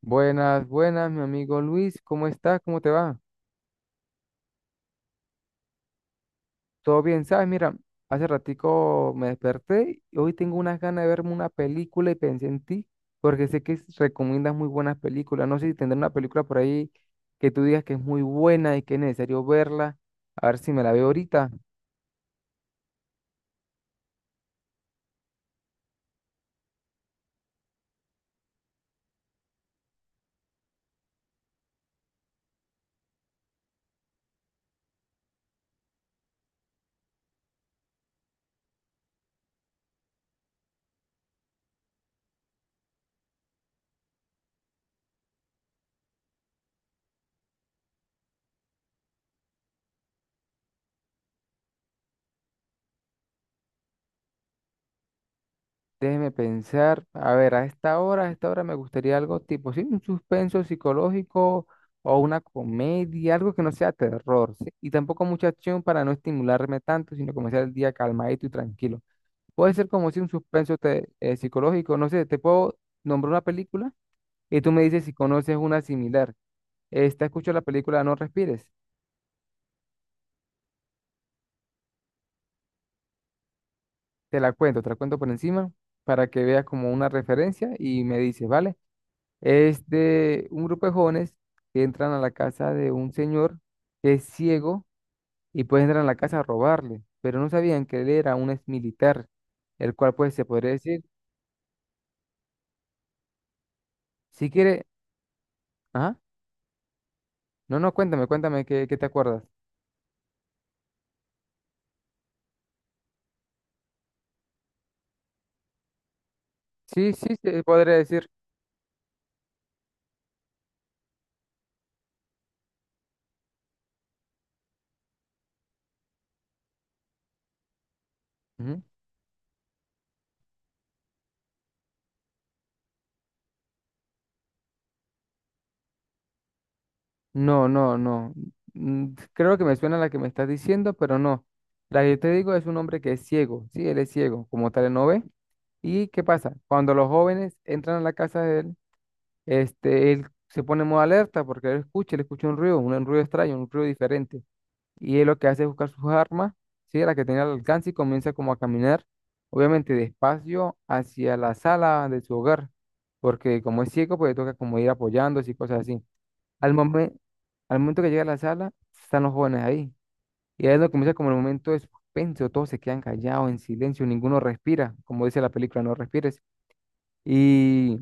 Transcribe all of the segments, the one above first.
Buenas, buenas, mi amigo Luis, ¿cómo estás? ¿Cómo te va? ¿Todo bien? ¿Sabes? Mira, hace ratico me desperté y hoy tengo unas ganas de verme una película y pensé en ti, porque sé que recomiendas muy buenas películas. No sé si tendrá una película por ahí que tú digas que es muy buena y que es necesario verla. A ver si me la veo ahorita. Déjeme pensar, a ver, a esta hora me gustaría algo tipo, sí, un suspenso psicológico o una comedia, algo que no sea terror, ¿sí? Y tampoco mucha acción para no estimularme tanto, sino comenzar el día calmadito y tranquilo. Puede ser como si un suspenso psicológico, no sé, te puedo nombrar una película y tú me dices si conoces una similar. Esta, escucho la película No Respires, te la cuento por encima para que veas como una referencia y me dices, ¿vale? Es de un grupo de jóvenes que entran a la casa de un señor que es ciego y pues entran a la casa a robarle, pero no sabían que él era un ex militar, el cual pues se podría decir, si quiere, ajá, no, no, cuéntame, cuéntame, ¿qué, qué te acuerdas? Sí, sí, se podría decir. Ujú. No, no, no. Mm, creo que me suena la que me estás diciendo, pero no. La que yo te digo es un hombre que es ciego, sí, él es ciego, como tal él no ve. ¿Y qué pasa? Cuando los jóvenes entran a la casa de él, este, él se pone en modo alerta porque él escucha un ruido extraño, un ruido diferente. Y él lo que hace es buscar sus armas, ¿sí? La que tenía al alcance y comienza como a caminar, obviamente despacio, hacia la sala de su hogar. Porque como es ciego, pues le toca como ir apoyándose y cosas así. Al momento al momento que llega a la sala, están los jóvenes ahí. Y ahí es donde comienza como el momento de suspenso, todos se quedan callados, en silencio, ninguno respira, como dice la película, no respires. Y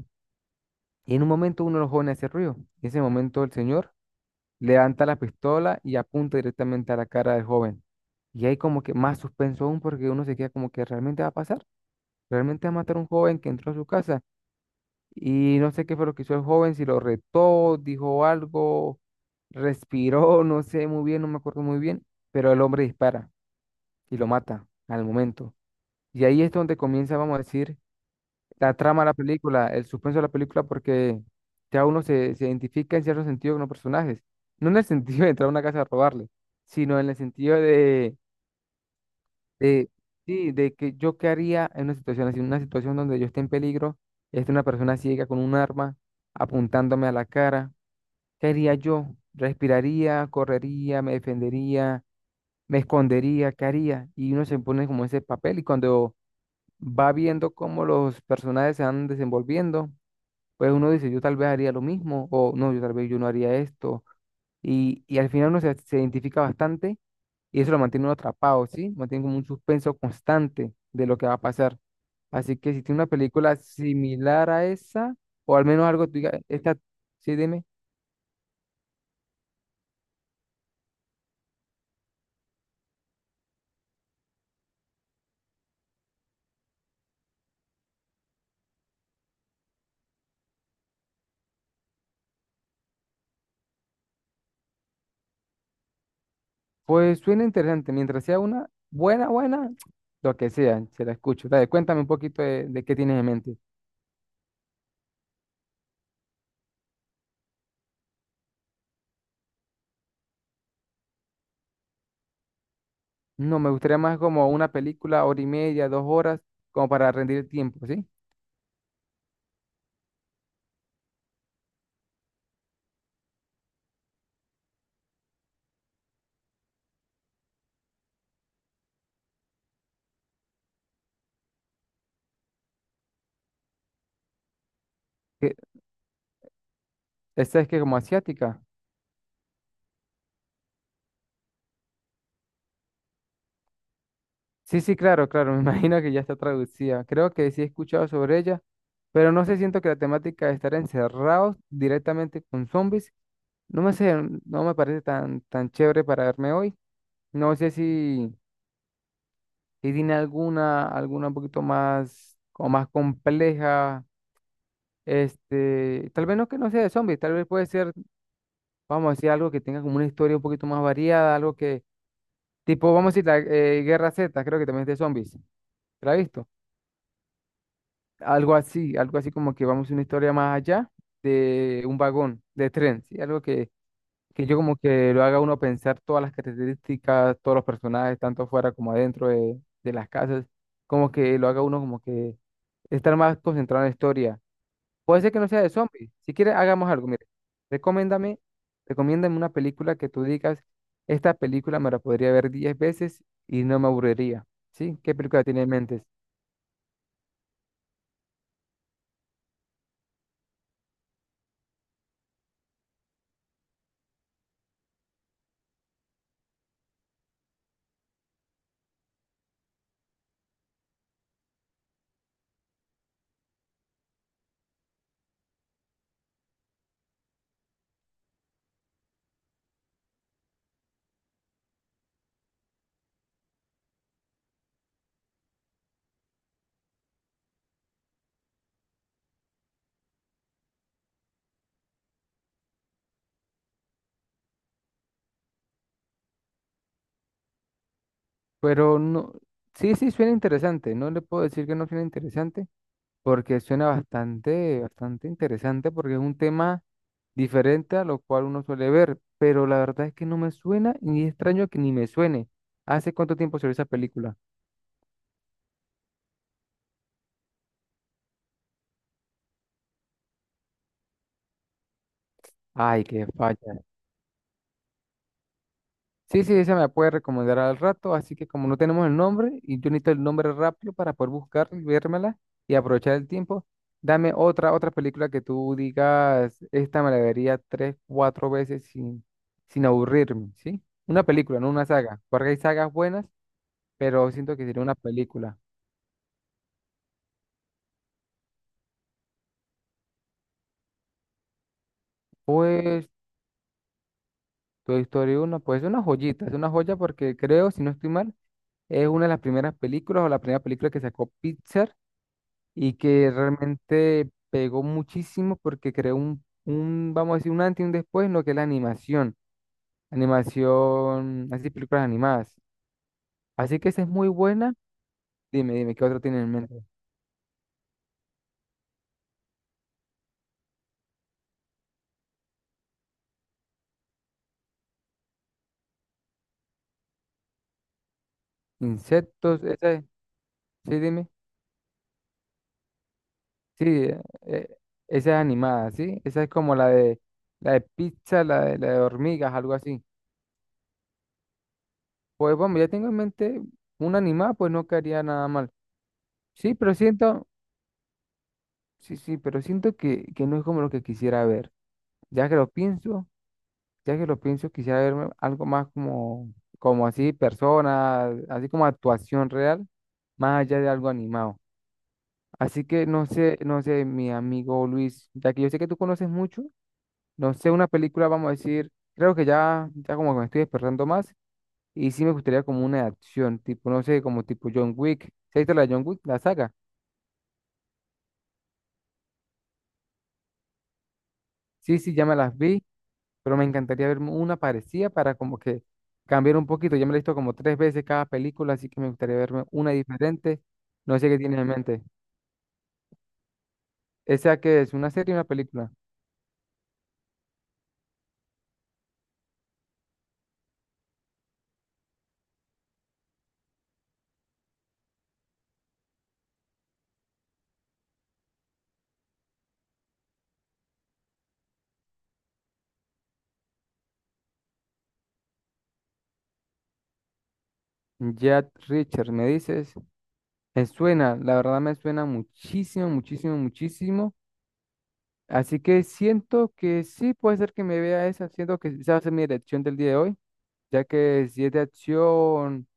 y en un momento uno de los jóvenes hace ruido. En ese momento el señor levanta la pistola y apunta directamente a la cara del joven. Y hay como que más suspenso aún porque uno se queda como que realmente va a pasar. Realmente va a matar a un joven que entró a su casa. Y no sé qué fue lo que hizo el joven, si lo retó, dijo algo, respiró, no sé muy bien, no me acuerdo muy bien. Pero el hombre dispara y lo mata al momento. Y ahí es donde comienza, vamos a decir, la trama de la película, el suspenso de la película, porque ya se identifica en cierto sentido con los personajes. No en el sentido de entrar a una casa a robarle, sino en el sentido de, de, sí, de que yo qué haría en una situación así, en una situación donde yo esté en peligro, esté una persona ciega con un arma apuntándome a la cara. ¿Qué haría yo? ¿Respiraría, correría, me defendería, me escondería? ¿Qué haría? Y uno se pone como ese papel y cuando va viendo cómo los personajes se van desenvolviendo pues uno dice, yo tal vez haría lo mismo, o no, yo tal vez yo no haría esto. Y al final se identifica bastante y eso lo mantiene uno atrapado, ¿sí? Mantiene como un suspenso constante de lo que va a pasar. Así que si tiene una película similar a esa, o al menos algo, que tú digas, esta, sí, dime, pues suena interesante, mientras sea una buena, buena, lo que sea, se la escucho. Dale, cuéntame un poquito de qué tienes en mente. No, me gustaría más como una película, hora y media, dos horas, como para rendir el tiempo, ¿sí? Esta es que como asiática. Sí, sí, claro, claro, me imagino que ya está traducida. Creo que sí he escuchado sobre ella, pero no sé, siento que la temática de estar encerrados directamente con zombies, no me sé, no me parece tan, tan chévere para verme hoy. No sé si, si tiene alguna, alguna un poquito más, como más compleja, este, tal vez no que no sea de zombies, tal vez puede ser, vamos a decir, algo que tenga como una historia un poquito más variada, algo que, tipo, vamos a decir, la Guerra Z, creo que también es de zombies. ¿La has visto? Algo así como que vamos a una historia más allá de un vagón de tren, ¿sí? Algo que yo como que lo haga uno pensar todas las características, todos los personajes, tanto afuera como adentro de las casas, como que lo haga uno como que estar más concentrado en la historia. Puede ser que no sea de zombies, si quieres hagamos algo, mire, recomiéndame, recomiéndame una película que tú digas, esta película me la podría ver 10 veces y no me aburriría, ¿sí? ¿Qué película tiene en mente? Pero no, sí, sí suena interesante. No le puedo decir que no suena interesante, porque suena bastante, bastante interesante, porque es un tema diferente a lo cual uno suele ver. Pero la verdad es que no me suena y es extraño que ni me suene. ¿Hace cuánto tiempo salió esa película? Ay, qué falla. Sí, sí, esa me la puede recomendar al rato, así que como no tenemos el nombre y yo necesito el nombre rápido para poder buscarla y vérmela y aprovechar el tiempo, dame otra, otra película que tú digas, esta me la vería tres, cuatro veces sin, sin aburrirme, ¿sí? Una película, no una saga, porque hay sagas buenas, pero siento que sería una película. Pues Toy Story uno, pues es una joyita, es una joya porque creo, si no estoy mal, es una de las primeras películas o la primera película que sacó Pixar y que realmente pegó muchísimo porque creó un, vamos a decir, un antes y un después en lo que es la animación, animación, así películas animadas. Así que esa es muy buena. Dime, dime, ¿qué otro tiene en mente? Insectos, esa es, sí, dime, sí, esa es animada, ¿sí? Esa es como la de pizza, la de hormigas, algo así. Pues bueno, ya tengo en mente una animada, pues no quedaría nada mal. Sí, pero siento, sí, sí, pero siento que no es como lo que quisiera ver. Ya que lo pienso, ya que lo pienso, quisiera verme algo más como, como así, persona, así como actuación real, más allá de algo animado. Así que no sé, no sé, mi amigo Luis, ya que yo sé que tú conoces mucho, no sé, una película, vamos a decir, creo que ya, ya como que me estoy despertando más, y sí me gustaría como una de acción, tipo, no sé, como tipo John Wick. ¿Se ha visto la de John Wick, la saga? Sí, sí, ya me las vi pero me encantaría ver una parecida para como que cambiar un poquito. Ya me la he visto como tres veces cada película, así que me gustaría verme una diferente. No sé qué tienes en mente. ¿Esa qué es? ¿Una serie o una película? Jack Richard, me dices. Me suena, la verdad me suena muchísimo, muchísimo, muchísimo. Así que siento que sí puede ser que me vea esa, siento que esa va a ser mi elección del día de hoy, ya que si es de acción,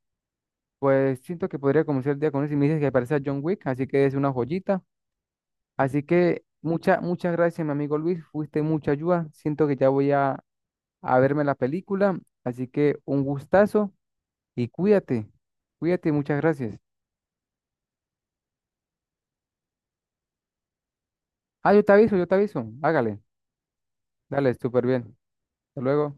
pues siento que podría comenzar el día con eso. Y me dices que parece a John Wick, así que es una joyita. Así que muchas, muchas gracias, mi amigo Luis. Fuiste mucha ayuda. Siento que ya voy a verme la película. Así que un gustazo y cuídate. Cuídate, muchas gracias. Ah, yo te aviso, yo te aviso. Hágale. Dale, súper bien. Hasta luego.